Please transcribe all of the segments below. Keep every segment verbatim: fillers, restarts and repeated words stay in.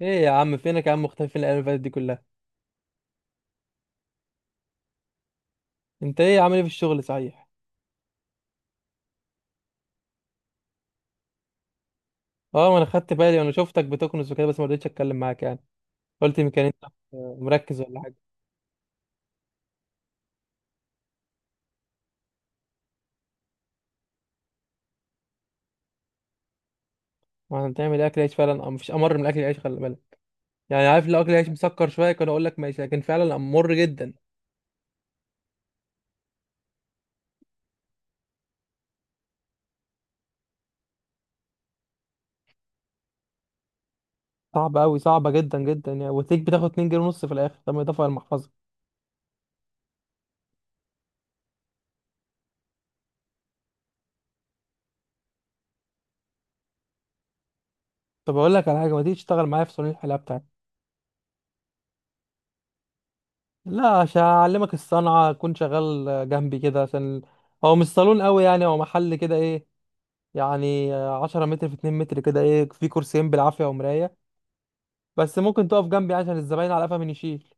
ايه يا عم؟ فينك يا عم؟ مختفي فين الايام اللي فاتت دي كلها؟ انت ايه عامل ايه في الشغل صحيح؟ اه، ما انا خدت بالي وانا شفتك بتكنس وكده، بس ما رضيتش اتكلم معاك يعني. قلت يمكن انت مركز ولا حاجه. ما احنا بتعمل اكل عيش فعلا، مفيش امر من اكل العيش خلي بالك. يعني عارف لو اكل العيش مسكر شويه كان اقول لك ماشي، لكن فعلا امر جدا. صعب قوي، صعبه جدا جدا يعني، وتليك بتاخد 2 جنيه ونص في الاخر. طب ما اضافه على المحفظه. طب اقول لك على حاجه، ما تيجي تشتغل معايا في صالون الحلاقه بتاعتي. لا عشان اعلمك الصنعه، اكون شغال جنبي كده عشان هو مش صالون قوي يعني، هو محل كده، ايه يعني، عشرة متر في اتنين متر كده، ايه، في كرسيين بالعافية ومراية. بس ممكن تقف جنبي عشان الزباين على قفا من يشيل.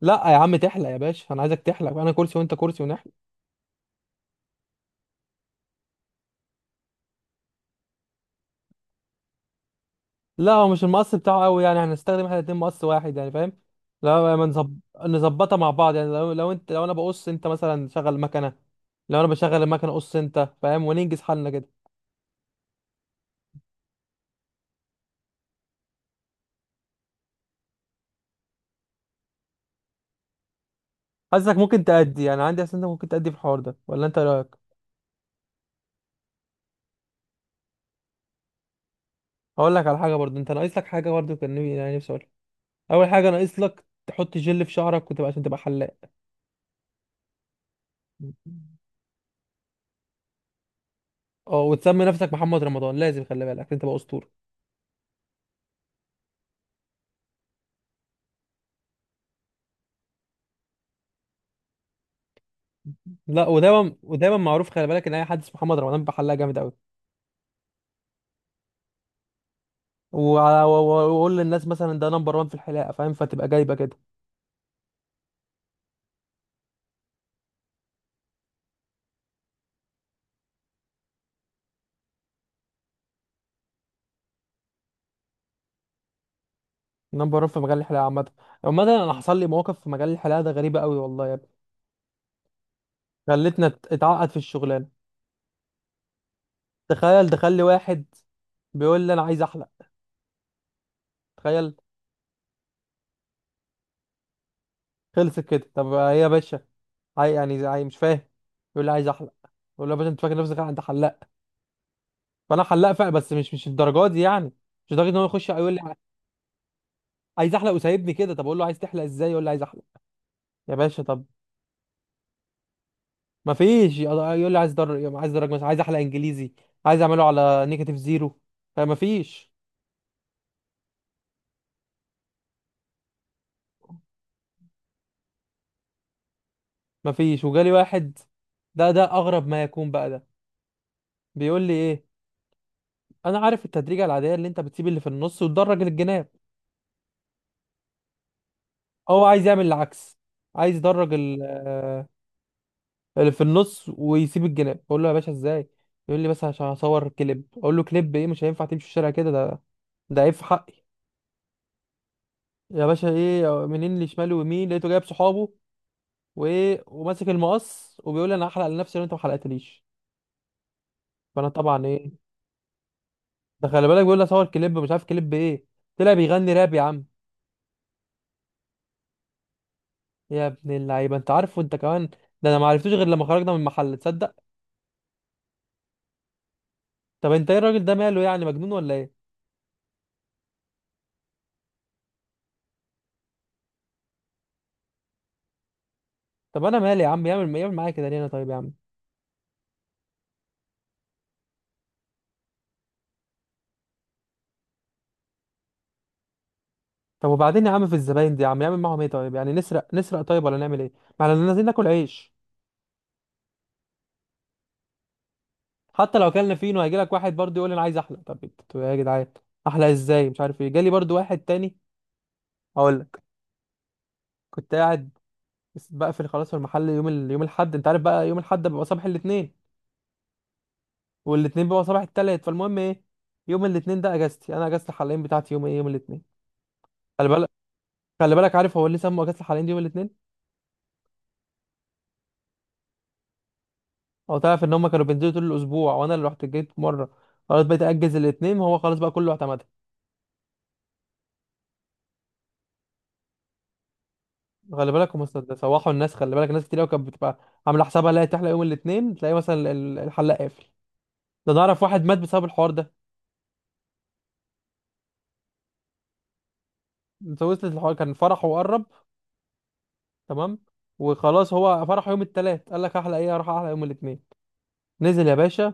لا يا عم تحلق يا باشا، انا عايزك تحلق، انا كرسي وانت كرسي ونحلق. لا هو مش المقص بتاعه قوي يعني، هنستخدم احنا الاتنين مقص واحد يعني فاهم. لا ما نظب... نظبطها مع بعض يعني، لو لو انت، لو انا بقص انت مثلا شغل مكنة، لو انا بشغل المكنة قص انت فاهم، وننجز حالنا كده. حاسسك ممكن تأدي يعني، عندي حاسس انت ممكن تأدي في الحوار ده، ولا انت إيه رأيك؟ هقول لك على حاجة برضه، انت ناقص لك حاجة برضه، كان نفسي- يعني نفسي أقولها. اول حاجه ناقص لك تحط جل في شعرك وتبقى، عشان تبقى حلاق. اه، وتسمي نفسك محمد رمضان لازم خلي بالك، عشان تبقى اسطوره. لا ودايما ودايما معروف خلي بالك ان اي حد اسمه محمد رمضان بيبقى حلاق جامد قوي. وعلى- و- و- واقول للناس مثلا ده نمبر واحد في الحلاقه فاهم، فتبقى جايبه كده. نمبر واحد في مجال الحلاقه عامه. عامه انا حصل لي مواقف في مجال الحلاقه ده غريبه قوي والله يا ابني. خلتنا ات- اتعقد في الشغلانه. تخيل دخل لي واحد بيقول لي انا عايز احلق. تخيل. خلصت كده؟ طب ايه يا باشا؟ عاي يعني عاي، مش فاهم. يقول لي عايز احلق. يقول له يا باشا انت فاكر نفسك انت حلاق؟ فانا حلاق فعلا، بس مش مش الدرجات دي يعني. مش لدرجه ان هو يخش يقول لي عايز احلق وسايبني كده. طب اقول له عايز تحلق ازاي، يقول لي عايز احلق. يا باشا طب. ما فيش، يقول لي عايز درج، عايز درج مثلا عايز احلق انجليزي، عايز اعمله على نيجاتيف زيرو. فما فيش. ما فيش. وجالي واحد، ده ده اغرب ما يكون بقى ده. بيقول لي ايه، انا عارف التدريجه العاديه اللي انت بتسيب اللي في النص وتدرج الجناب، هو عايز يعمل العكس. عايز يدرج ال- آه، اللي في النص ويسيب الجناب. اقول له يا باشا ازاي؟ يقول لي بس عشان هصور كليب. اقول له كليب ايه، مش هينفع تمشي الشارع كده ده، ده عيب في حقي. يا باشا ايه، منين لشمال ويمين لقيته جايب صحابه وايه، وماسك المقص وبيقول لي انا هحلق لنفسي لو انت ما حلقتليش. فانا طبعا ايه. ده خلي بالك بيقول لي اصور كليب، مش عارف كليب ايه، طلع بيغني راب يا عم. يا ابن اللعيبه انت عارفه انت كمان؟ ده انا ما عرفتوش غير لما خرجنا من المحل، تصدق؟ طب انت ايه الراجل ده ماله يعني، مجنون ولا ايه؟ طب انا مالي يا عم، يعمل يعمل معايا كده ليه، انا طيب يا عم. طب وبعدين يا عم، في الزباين دي يا عم، يعمل معاهم ايه طيب، يعني نسرق نسرق طيب ولا نعمل ايه؟ ما احنا نازلين ناكل عيش. حتى لو اكلنا فينو هيجي لك واحد برضه يقول لي انا عايز احلى. طب انتوا يا جدعان، احلى ازاي؟ مش عارف ايه. جالي برضه واحد تاني، هقول لك. كنت قاعد بس- بقفل خلاص في المحل يوم ال... يوم الاحد. انت عارف بقى يوم الاحد بيبقى صباح الاثنين، والاثنين بيبقى صباح الثلاث. فالمهم ايه، يوم الاثنين ده اجازتي انا، اجازه الحلاقين بتاعتي يوم ايه، يوم الاثنين. خلي بالك. خلي بالك عارف هو ليه سموا اجازه الحلاقين دي يوم الاثنين؟ هو تعرف ان هم كانوا بينزلوا طول الاسبوع، وانا اللي رحت جيت مره. خلاص بقيت اجز الاثنين، هو خلاص بقى كله اعتمدها. خلي بالك هم صد- سوحوا الناس. خلي بالك ناس كتير قوي كانت بتبقى عامله حسابها لا تحلق يوم الاثنين تلاقي مثلا ال- ال- الحلاق قافل. ده نعرف واحد مات بسبب الحوار ده. انت وصلت الحوار، كان فرحه وقرب. تمام. وخلاص هو فرحه يوم الثلاث، قال لك احلق ايه، اروح احلق يوم الاثنين. نزل يا باشا.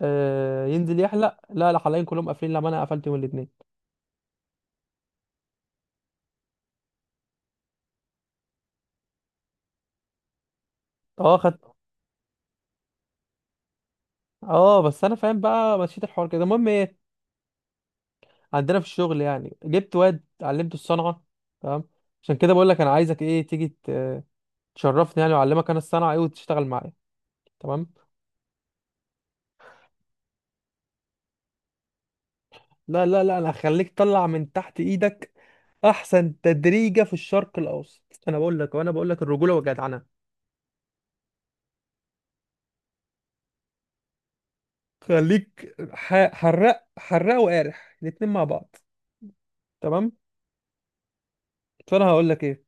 آه ينزل يحلق، لا الحلاقين كلهم قافلين، لا ما انا قفلت يوم الاثنين. اه خدت. اه بس انا فاهم بقى، مشيت الحوار كده. المهم ايه، عندنا في الشغل يعني جبت واد علمته الصنعه. تمام. عشان كده بقول لك انا عايزك ايه، تيجي ت- تشرفني يعني، واعلمك انا الصنعه ايه وتشتغل معايا. تمام. لا لا لا انا هخليك طلع من تحت ايدك احسن تدريجه في الشرق الاوسط، انا بقول لك، وانا بقول لك الرجوله والجدعنه. خليك ح- حراق حراق وقارح الاتنين مع بعض. تمام. فانا هقول لك ايه،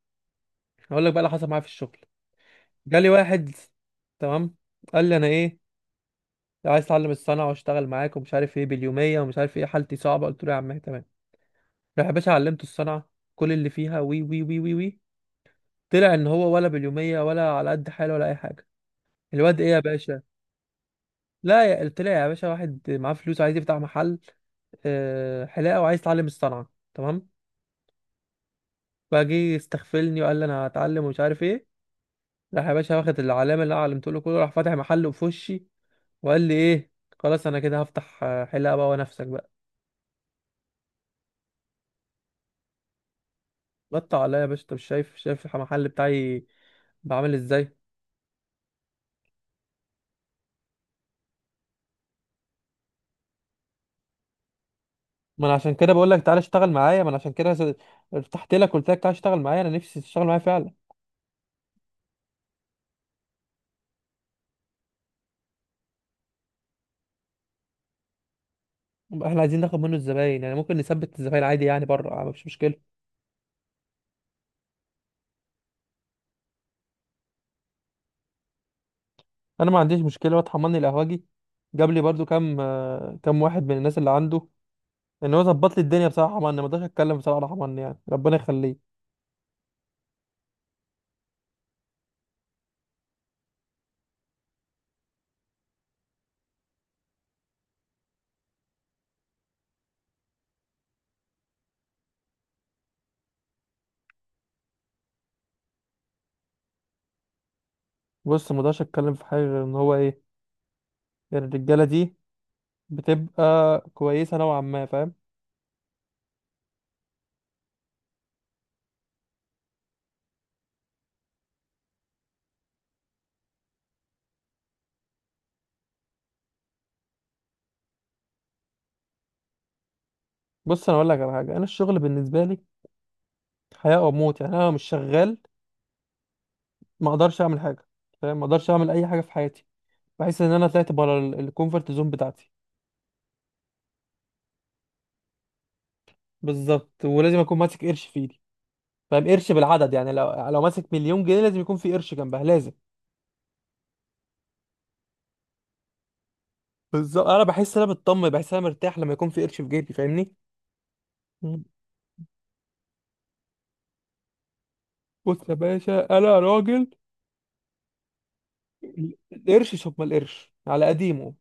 هقول لك بقى اللي حصل معايا في الشغل. جالي واحد، تمام، قال لي انا ايه، عايز اتعلم الصنعه واشتغل معاك، ومش عارف ايه باليوميه، ومش عارف ايه حالتي صعبه. قلت له يا عم إيه، تمام. راح يا باشا علمته الصنعه، كل اللي فيها وي وي وي وي وي. طلع ان هو ولا باليوميه ولا على قد حاله ولا اي حاجه. الواد ايه يا باشا، لا يا طلع يا باشا واحد معاه فلوس عايز يفتح محل آه، حلاقه، وعايز يتعلم الصنعه. تمام. فجه يستغفلني وقال لي انا هتعلم ومش عارف ايه. راح يا باشا واخد العلامه اللي انا علمته له كله، راح فاتح محل في وشي. وقال لي ايه، خلاص انا كده هفتح آه، حلاقه بقى ونفسك بقى. غطى عليا يا باشا. انت مش شايف، شايف المحل بتاعي بعمل ازاي. ما انا عشان كده بقول لك تعالى اشتغل معايا، ما انا عشان كده س- فتحت لك، قلت لك تعالى اشتغل معايا، انا نفسي تشتغل معايا فعلا. احنا عايزين ناخد منه الزباين، يعني ممكن نثبت الزباين عادي يعني، بره مفيش مشكله. انا ما عنديش مشكله، هو اتحملني القهوجي، جاب لي برضو كام آه، كام واحد من الناس اللي عنده. ان هو ظبط لي الدنيا بصراحه حماني، ما اقدرش اتكلم بصراحه على حماني يعني ربنا يخليه. بص ما اقدرش اتكلم في حاجه غير ان هو ايه، يعني الرجاله دي بتبقى كويسه نوعا ما فاهم. بص انا اقول لك على حاجه، انا الشغل بالنسبه لي حياه او موت. يعني انا لو مش شغال ما اقدرش اعمل حاجه فاهم، ما اقدرش اعمل اي حاجه في حياتي. بحس ان انا طلعت بره الكومفورت زون بتاعتي. بالظبط. ولازم اكون ماسك قرش في ايدي فاهم، قرش بالعدد، يعني لو لو ماسك مليون جنيه لازم يكون في قرش جنبها لازم. بالظبط، انا بحس ان انا مطمن، بحس ان انا مرتاح لما يكون في قرش في جيبي فاهمني. مم. بص يا باشا انا راجل القرش. شوف ما القرش على قديمه.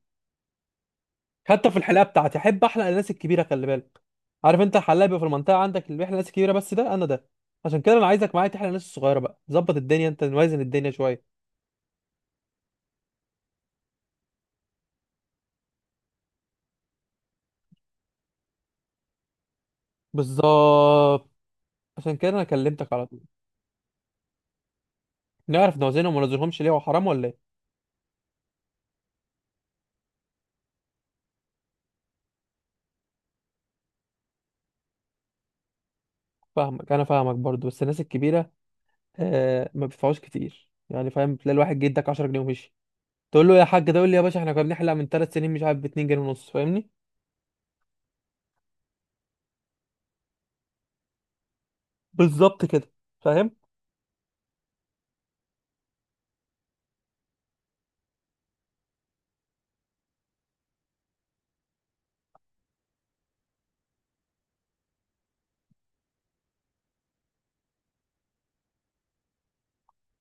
حتى في الحلاقه بتاعتي احب احلق الناس الكبيره خلي بالك. عارف انت الحلاق بيبقى في المنطقه عندك اللي بيحلق الناس الكبيره، بس ده انا ده. عشان كده انا عايزك معايا تحلق الناس الصغيره بقى، ظبط الدنيا، انت نوازن الدنيا شويه. بالظبط. عشان كده انا كلمتك على طول. نعرف نوازنهم وما نوازنهمش ليه، هو حرام ولا ايه؟ فاهمك، انا فاهمك برضو، بس الناس الكبيره آه ما بيدفعوش كتير يعني فاهم. تلاقي الواحد جه اداك عشرة جنيه ومشي. تقول له يا حاج ده، يقول لي يا باشا احنا كنا بنحلق من ثلاث سنين مش عارف ب 2 جنيه ونص فاهمني. بالظبط كده. فاهم.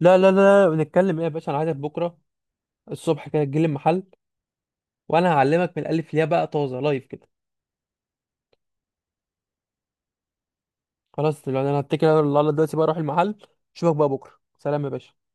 لا لا لا بنتكلم ايه يا باشا، انا عايزك بكره الصبح كده تجيلي المحل، وانا هعلمك من الالف للياء بقى طازه لايف كده. خلاص دلوقتي، انا هتكل على الله دلوقتي بقى اروح المحل، اشوفك بقى بكره. سلام يا باشا.